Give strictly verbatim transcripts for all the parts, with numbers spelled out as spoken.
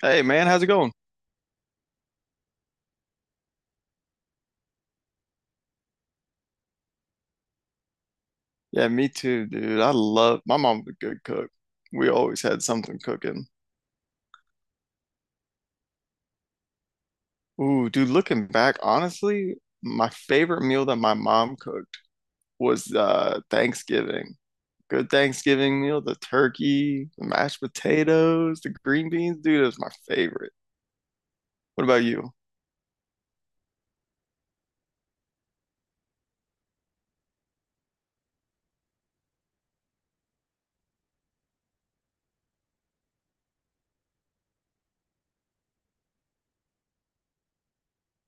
Hey man, how's it going? Yeah, me too, dude. I love my mom's a good cook. We always had something cooking. Ooh, dude, looking back, honestly, my favorite meal that my mom cooked was uh Thanksgiving. Good Thanksgiving meal, the turkey, the mashed potatoes, the green beans, dude, it was my favorite. What about you?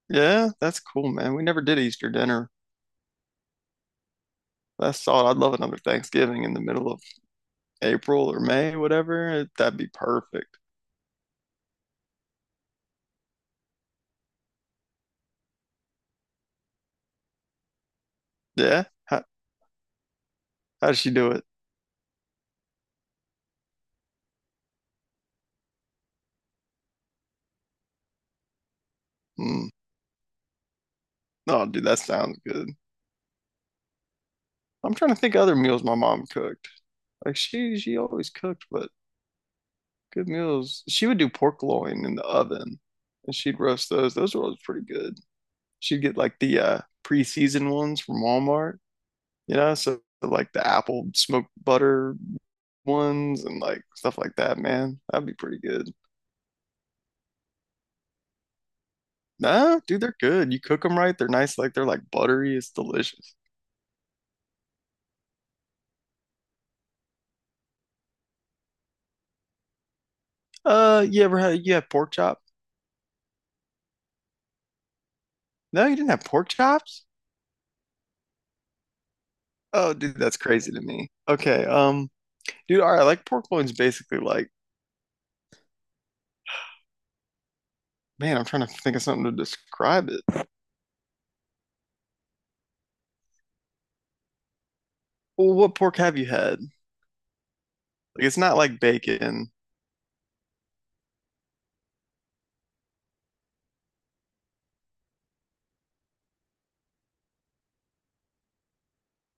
Yeah, that's cool, man. We never did Easter dinner. That's solid. I'd love another Thanksgiving in the middle of April or May, whatever. That'd be perfect. Yeah? How, how does she do it? Mm. No, dude, that sounds good. I'm trying to think of other meals my mom cooked. Like she she always cooked, but good meals. She would do pork loin in the oven and she'd roast those. Those were always pretty good. She'd get like the uh pre-seasoned ones from Walmart, you know, so like the apple smoked butter ones and like stuff like that, man. That'd be pretty good. Nah, dude, they're good. You cook them right, they're nice, like they're like buttery. It's delicious. Uh, you ever had you had pork chop? No, you didn't have pork chops? Oh, dude, that's crazy to me. Okay, um, dude, all right, like pork loin's basically like, man, I'm trying to think of something to describe it. Well, what pork have you had? Like, it's not like bacon.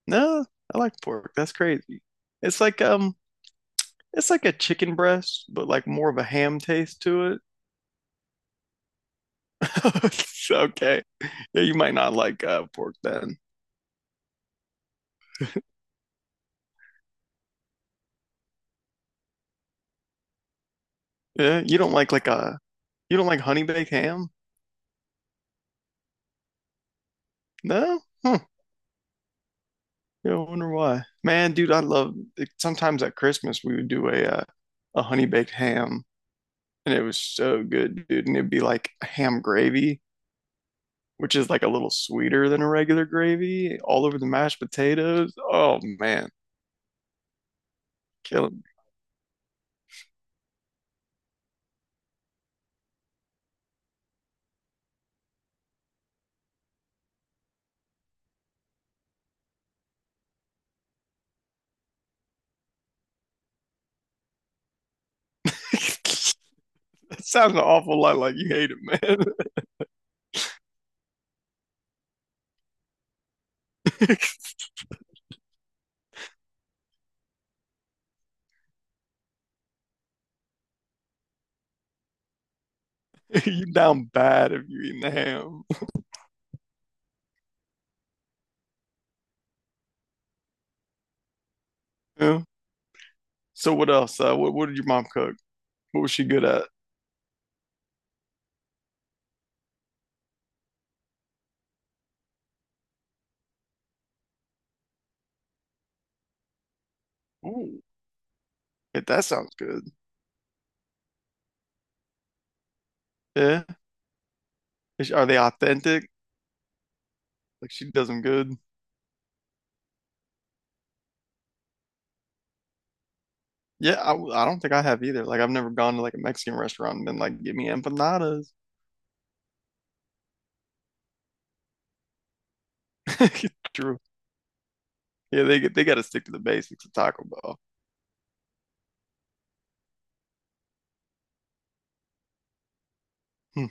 No, I like pork. That's crazy. It's like um, it's like a chicken breast, but like more of a ham taste to it. Okay, yeah, you might not like uh pork then. Yeah, you don't like like a you don't like honey baked ham? No? Hmm. Yeah, I wonder why. Man, dude, I love like, sometimes at Christmas we would do a uh, a honey baked ham and it was so good, dude. And it'd be like ham gravy, which is like a little sweeter than a regular gravy, all over the mashed potatoes. Oh man, killing me. That sounds an awful lot like you hate it, man. You down bad if you eating the ham. Yeah. So what else? Uh, what what did your mom cook? What was she good at? Ooh, yeah, that sounds good. Yeah. Is she- are they authentic? Like she does them good. Yeah, I, w- I don't think I have either. Like I've never gone to like a Mexican restaurant and been like, "Give me empanadas." True. Yeah, they get- they got to stick to the basics of Taco Bell. Hmm.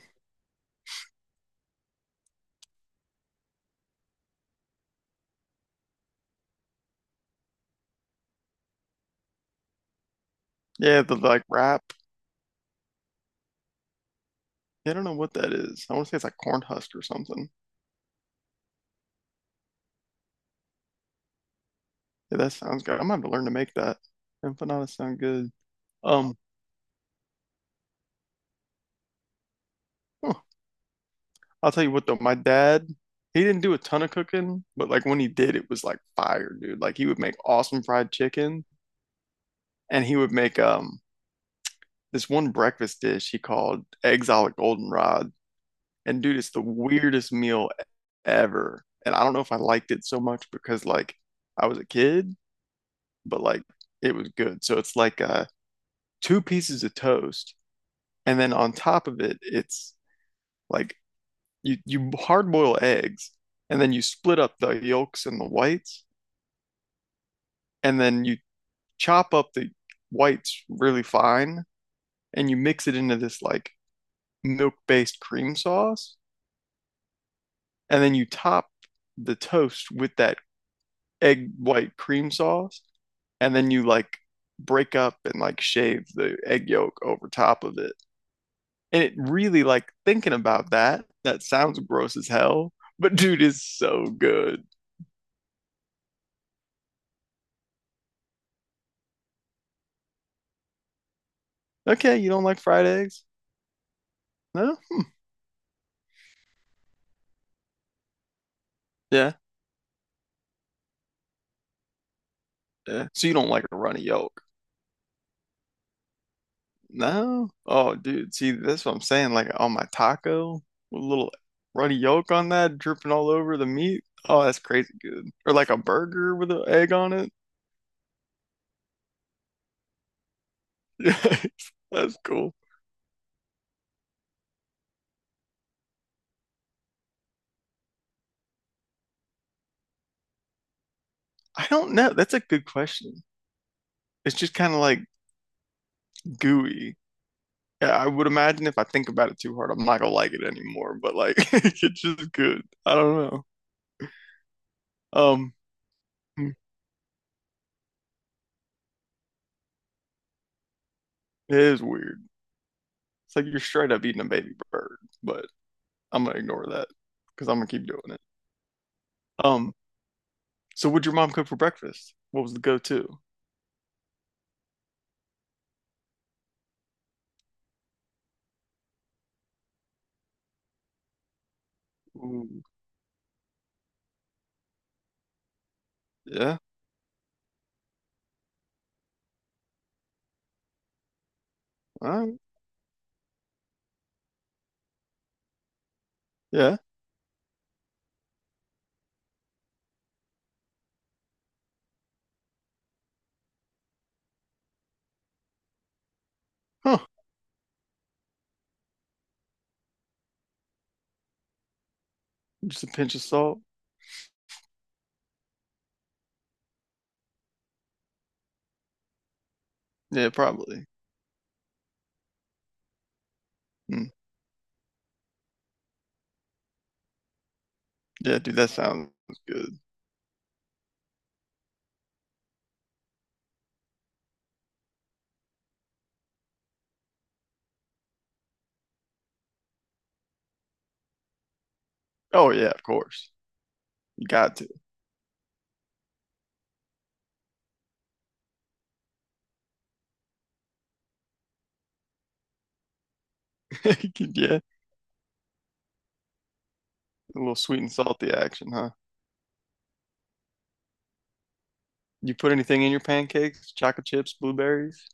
Yeah, the like wrap. Yeah, I don't know what that is. I want to say it's like corn husk or something. Yeah, that sounds good. I'm gonna have to learn to make that. Empanadas sound good. Um, huh. I'll tell you what though, my dad, he didn't do a ton of cooking, but like when he did, it was like fire, dude. Like he would make awesome fried chicken, and he would make um this one breakfast dish he called eggs a la goldenrod. And dude, it's the weirdest meal e-, ever. And I don't know if I liked it so much because like I was a kid, but like it was good. So it's like uh two pieces of toast and then on top of it it's like you you hard boil eggs and then you split up the yolks and the whites and then you chop up the whites really fine and you mix it into this like milk-based cream sauce and then you top the toast with that egg white cream sauce and then you like break up and like shave the egg yolk over top of it. And it really like thinking about that, that sounds gross as hell, but dude is so good. Okay, you don't like fried eggs? No? Hmm. Yeah, yeah. So you don't like a runny yolk? No? Oh, dude, see, that's what I'm saying. Like on my taco, with a little runny yolk on that, dripping all over the meat. Oh, that's crazy good. Or like a burger with an egg on it. Yes, that's cool. I don't know. That's a good question. It's just kind of like gooey. Yeah, I would imagine if I think about it too hard, I'm not gonna like it anymore. But like, it's just good. I don't know. Um, hmm, it is weird. It's like you're straight up eating a baby bird, but I'm gonna ignore that because I'm gonna keep doing it. Um, so what'd your mom cook for breakfast? What was the go-to? Ooh, yeah, all right, yeah, huh? Just a pinch of salt. Yeah, probably. Hmm. Yeah, dude, that sounds good. Oh yeah, of course. You got to. Yeah, a little sweet and salty action, huh? You put anything in your pancakes? Chocolate chips, blueberries?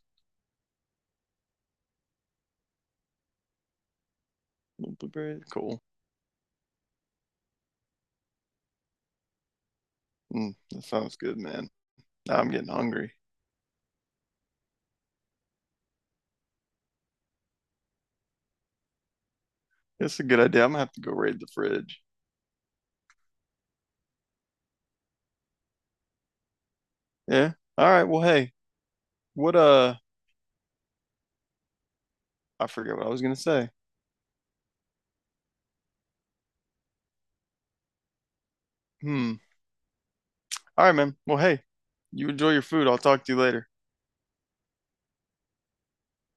No blueberries? Cool. Mm, that sounds good, man. Now I'm getting hungry. That's a good idea. I'm gonna have to go raid the fridge. Yeah. All right. Well, hey, what, uh, I forget what I was gonna say. Hmm. All right, man. Well, hey, you enjoy your food. I'll talk to you later.